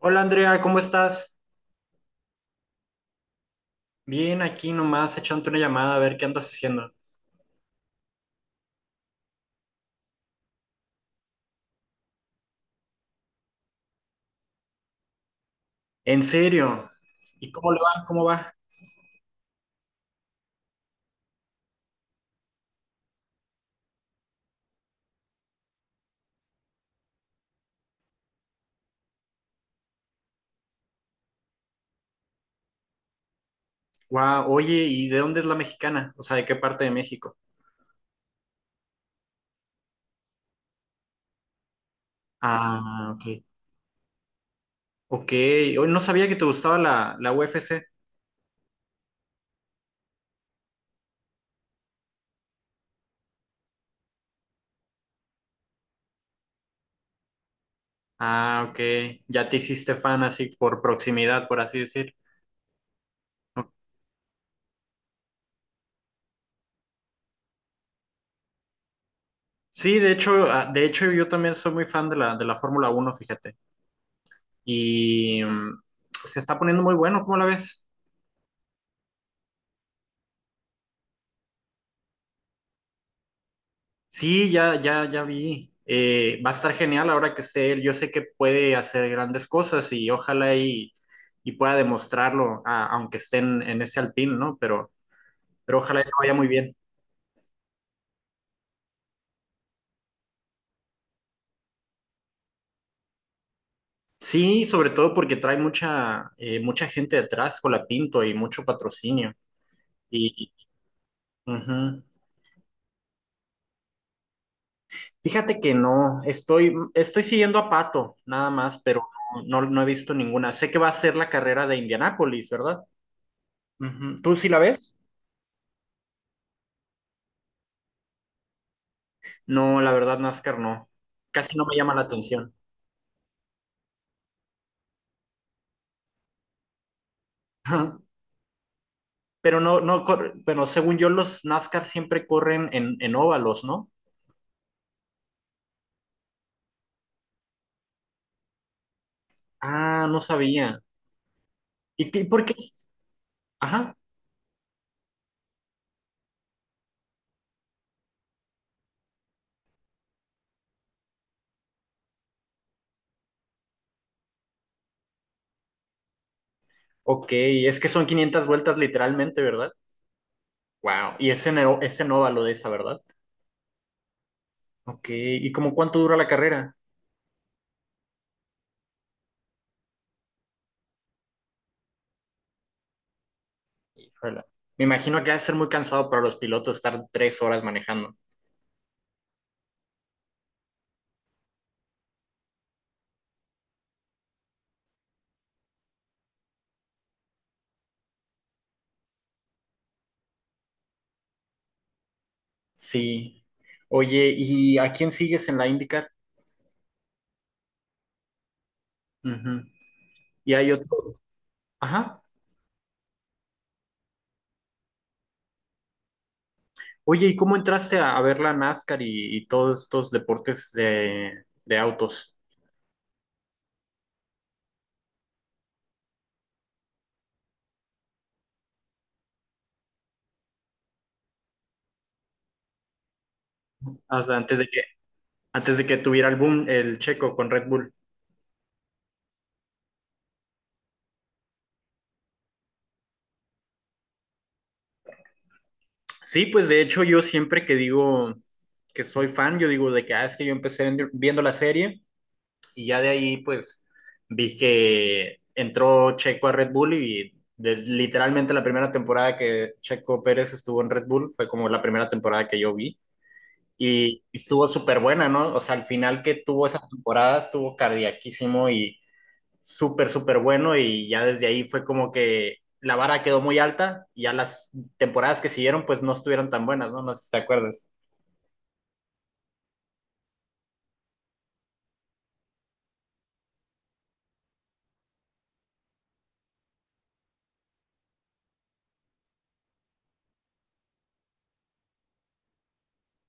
Hola Andrea, ¿cómo estás? Bien, aquí nomás echándote una llamada a ver qué andas haciendo. ¿En serio? ¿Y cómo le va? ¿Cómo va? Guau, oye, ¿y de dónde es la mexicana? O sea, ¿de qué parte de México? Ah, ok. Ok, hoy no sabía que te gustaba la UFC. Ah, ok. Ya te hiciste fan así por proximidad, por así decir. Sí, de hecho, de hecho yo también soy muy fan de la Fórmula Uno, fíjate. Y se está poniendo muy bueno, ¿cómo la ves? Sí, ya vi. Va a estar genial ahora que esté él. Yo sé que puede hacer grandes cosas y ojalá y pueda demostrarlo, aunque esté en ese Alpine, ¿no? Pero ojalá que vaya muy bien. Sí, sobre todo porque trae mucha, mucha gente detrás con la Pinto y mucho patrocinio. Y, ujú. Fíjate que no, estoy, estoy siguiendo a Pato, nada más, pero no, no he visto ninguna. Sé que va a ser la carrera de Indianápolis, ¿verdad? Ujú. ¿Tú sí la ves? No, la verdad, NASCAR no. Casi no me llama la atención. Pero no, no, pero según yo, los NASCAR siempre corren en óvalos, ¿no? Ah, no sabía. ¿Y qué, por qué? Ajá. Ok, es que son 500 vueltas literalmente, ¿verdad? Wow. Y es en, es en óvalo de esa, ¿verdad? Ok, ¿y como cuánto dura la carrera? Híjole. Me imagino que ha de ser muy cansado para los pilotos estar tres horas manejando. Sí. Oye, ¿y a quién sigues en la IndyCar? Ujú. Y hay otro. Ajá. Oye, ¿y cómo entraste a ver la NASCAR y todos estos deportes de autos? Hasta antes de que tuviera el boom el Checo con Red Bull. Sí, pues de hecho yo siempre que digo que soy fan, yo digo de que es que yo viendo la serie y ya de ahí pues vi que entró Checo a Red Bull literalmente la primera temporada que Checo Pérez estuvo en Red Bull fue como la primera temporada que yo vi. Y estuvo súper buena, ¿no? O sea, al final que tuvo esa temporada estuvo cardiaquísimo y súper, súper bueno y ya desde ahí fue como que la vara quedó muy alta y ya las temporadas que siguieron pues no estuvieron tan buenas, ¿no? No sé si te acuerdas.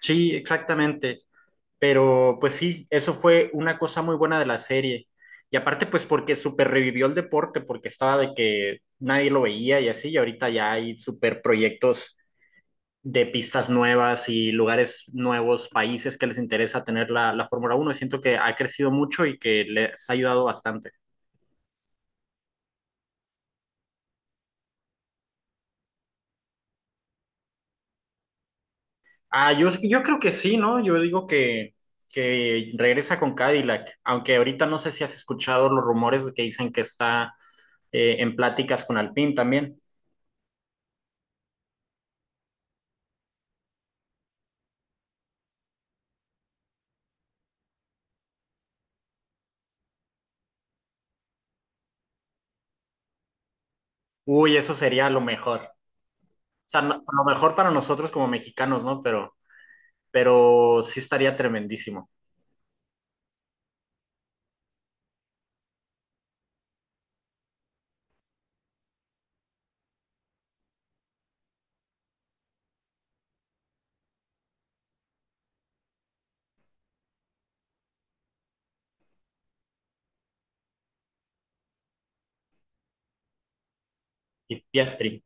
Sí, exactamente. Pero pues sí, eso fue una cosa muy buena de la serie. Y aparte pues porque súper revivió el deporte, porque estaba de que nadie lo veía y así, y ahorita ya hay súper proyectos de pistas nuevas y lugares nuevos, países que les interesa tener la Fórmula Uno. Siento que ha crecido mucho y que les ha ayudado bastante. Ah, yo creo que sí, ¿no? Yo digo que regresa con Cadillac, aunque ahorita no sé si has escuchado los rumores que dicen que está en pláticas con Alpine también. Uy, eso sería lo mejor. O sea, lo mejor para nosotros como mexicanos, ¿no? Pero sí estaría tremendísimo. Y Piastri,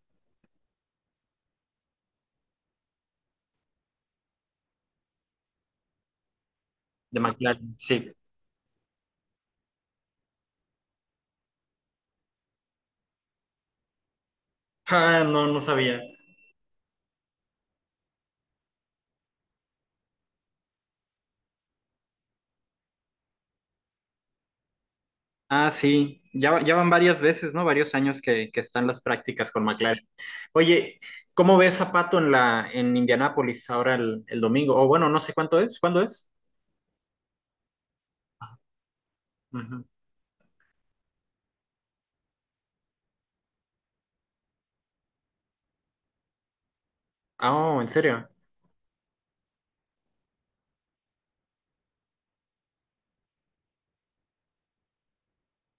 de McLaren, sí. Ah, no, no sabía. Ah, sí, ya, ya van varias veces, ¿no? Varios años que están las prácticas con McLaren. Oye, ¿cómo ves a Pato en la, en Indianápolis ahora el domingo? O bueno, no sé cuánto es, ¿cuándo es? Ujú. Ah, oh, ¿en serio?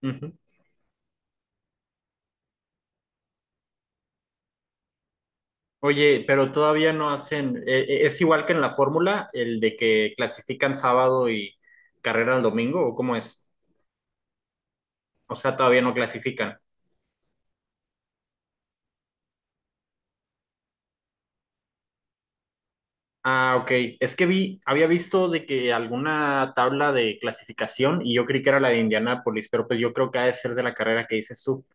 Ujú. Oye, pero todavía no hacen, ¿es igual que en la fórmula, el de que clasifican sábado y carrera el domingo, o cómo es? O sea, todavía no clasifican. Ah, ok. Es que vi, había visto de que alguna tabla de clasificación y yo creí que era la de Indianápolis, pero pues yo creo que ha de ser de la carrera que dices tú.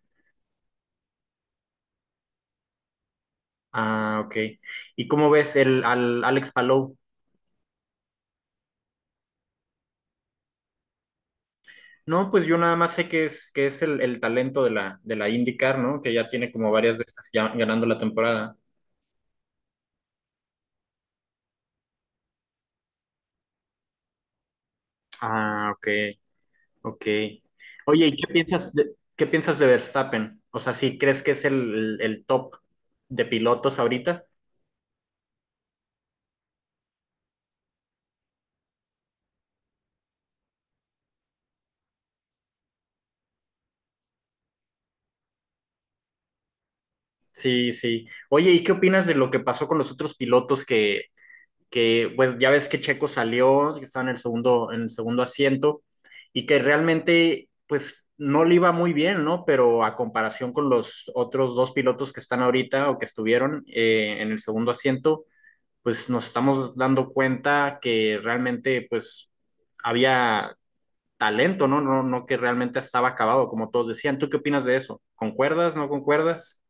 Ah, ok. ¿Y cómo ves el, al Alex Palou? No, pues yo nada más sé que es el talento de la IndyCar, ¿no? Que ya tiene como varias veces ya ganando la temporada. Ah, ok, ok. Oye, ¿y qué piensas de Verstappen? O sea, ¿sí crees que es el, el top de pilotos ahorita? Sí, sí. Oye, ¿y qué opinas de lo que pasó con los otros pilotos que bueno, ya ves que Checo salió, que estaba en el segundo asiento, y que realmente, pues, no le iba muy bien, ¿no? Pero a comparación con los otros dos pilotos que están ahorita o que estuvieron en el segundo asiento, pues nos estamos dando cuenta que realmente, pues, había talento, ¿no? No, no que realmente estaba acabado, como todos decían. ¿Tú qué opinas de eso? ¿Concuerdas? ¿No concuerdas?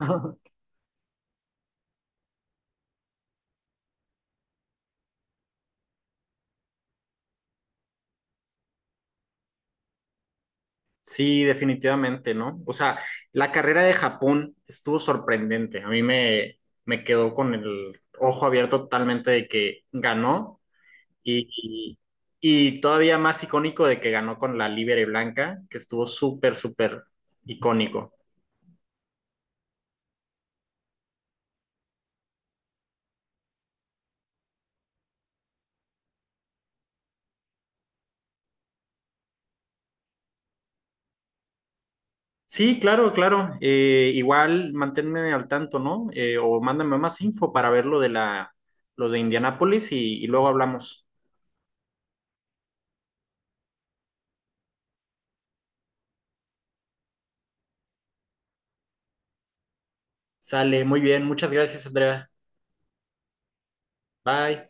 Sí, definitivamente, ¿no? O sea, la carrera de Japón estuvo sorprendente. A mí me, me quedó con el ojo abierto totalmente de que ganó y, y todavía más icónico de que ganó con la Libere Blanca, que estuvo súper, súper icónico. Sí, claro, claro. Igual manténme al tanto, ¿no? O mándame más info para ver lo de la, lo de Indianápolis y luego hablamos. Sale, muy bien. Muchas gracias, Andrea. Bye.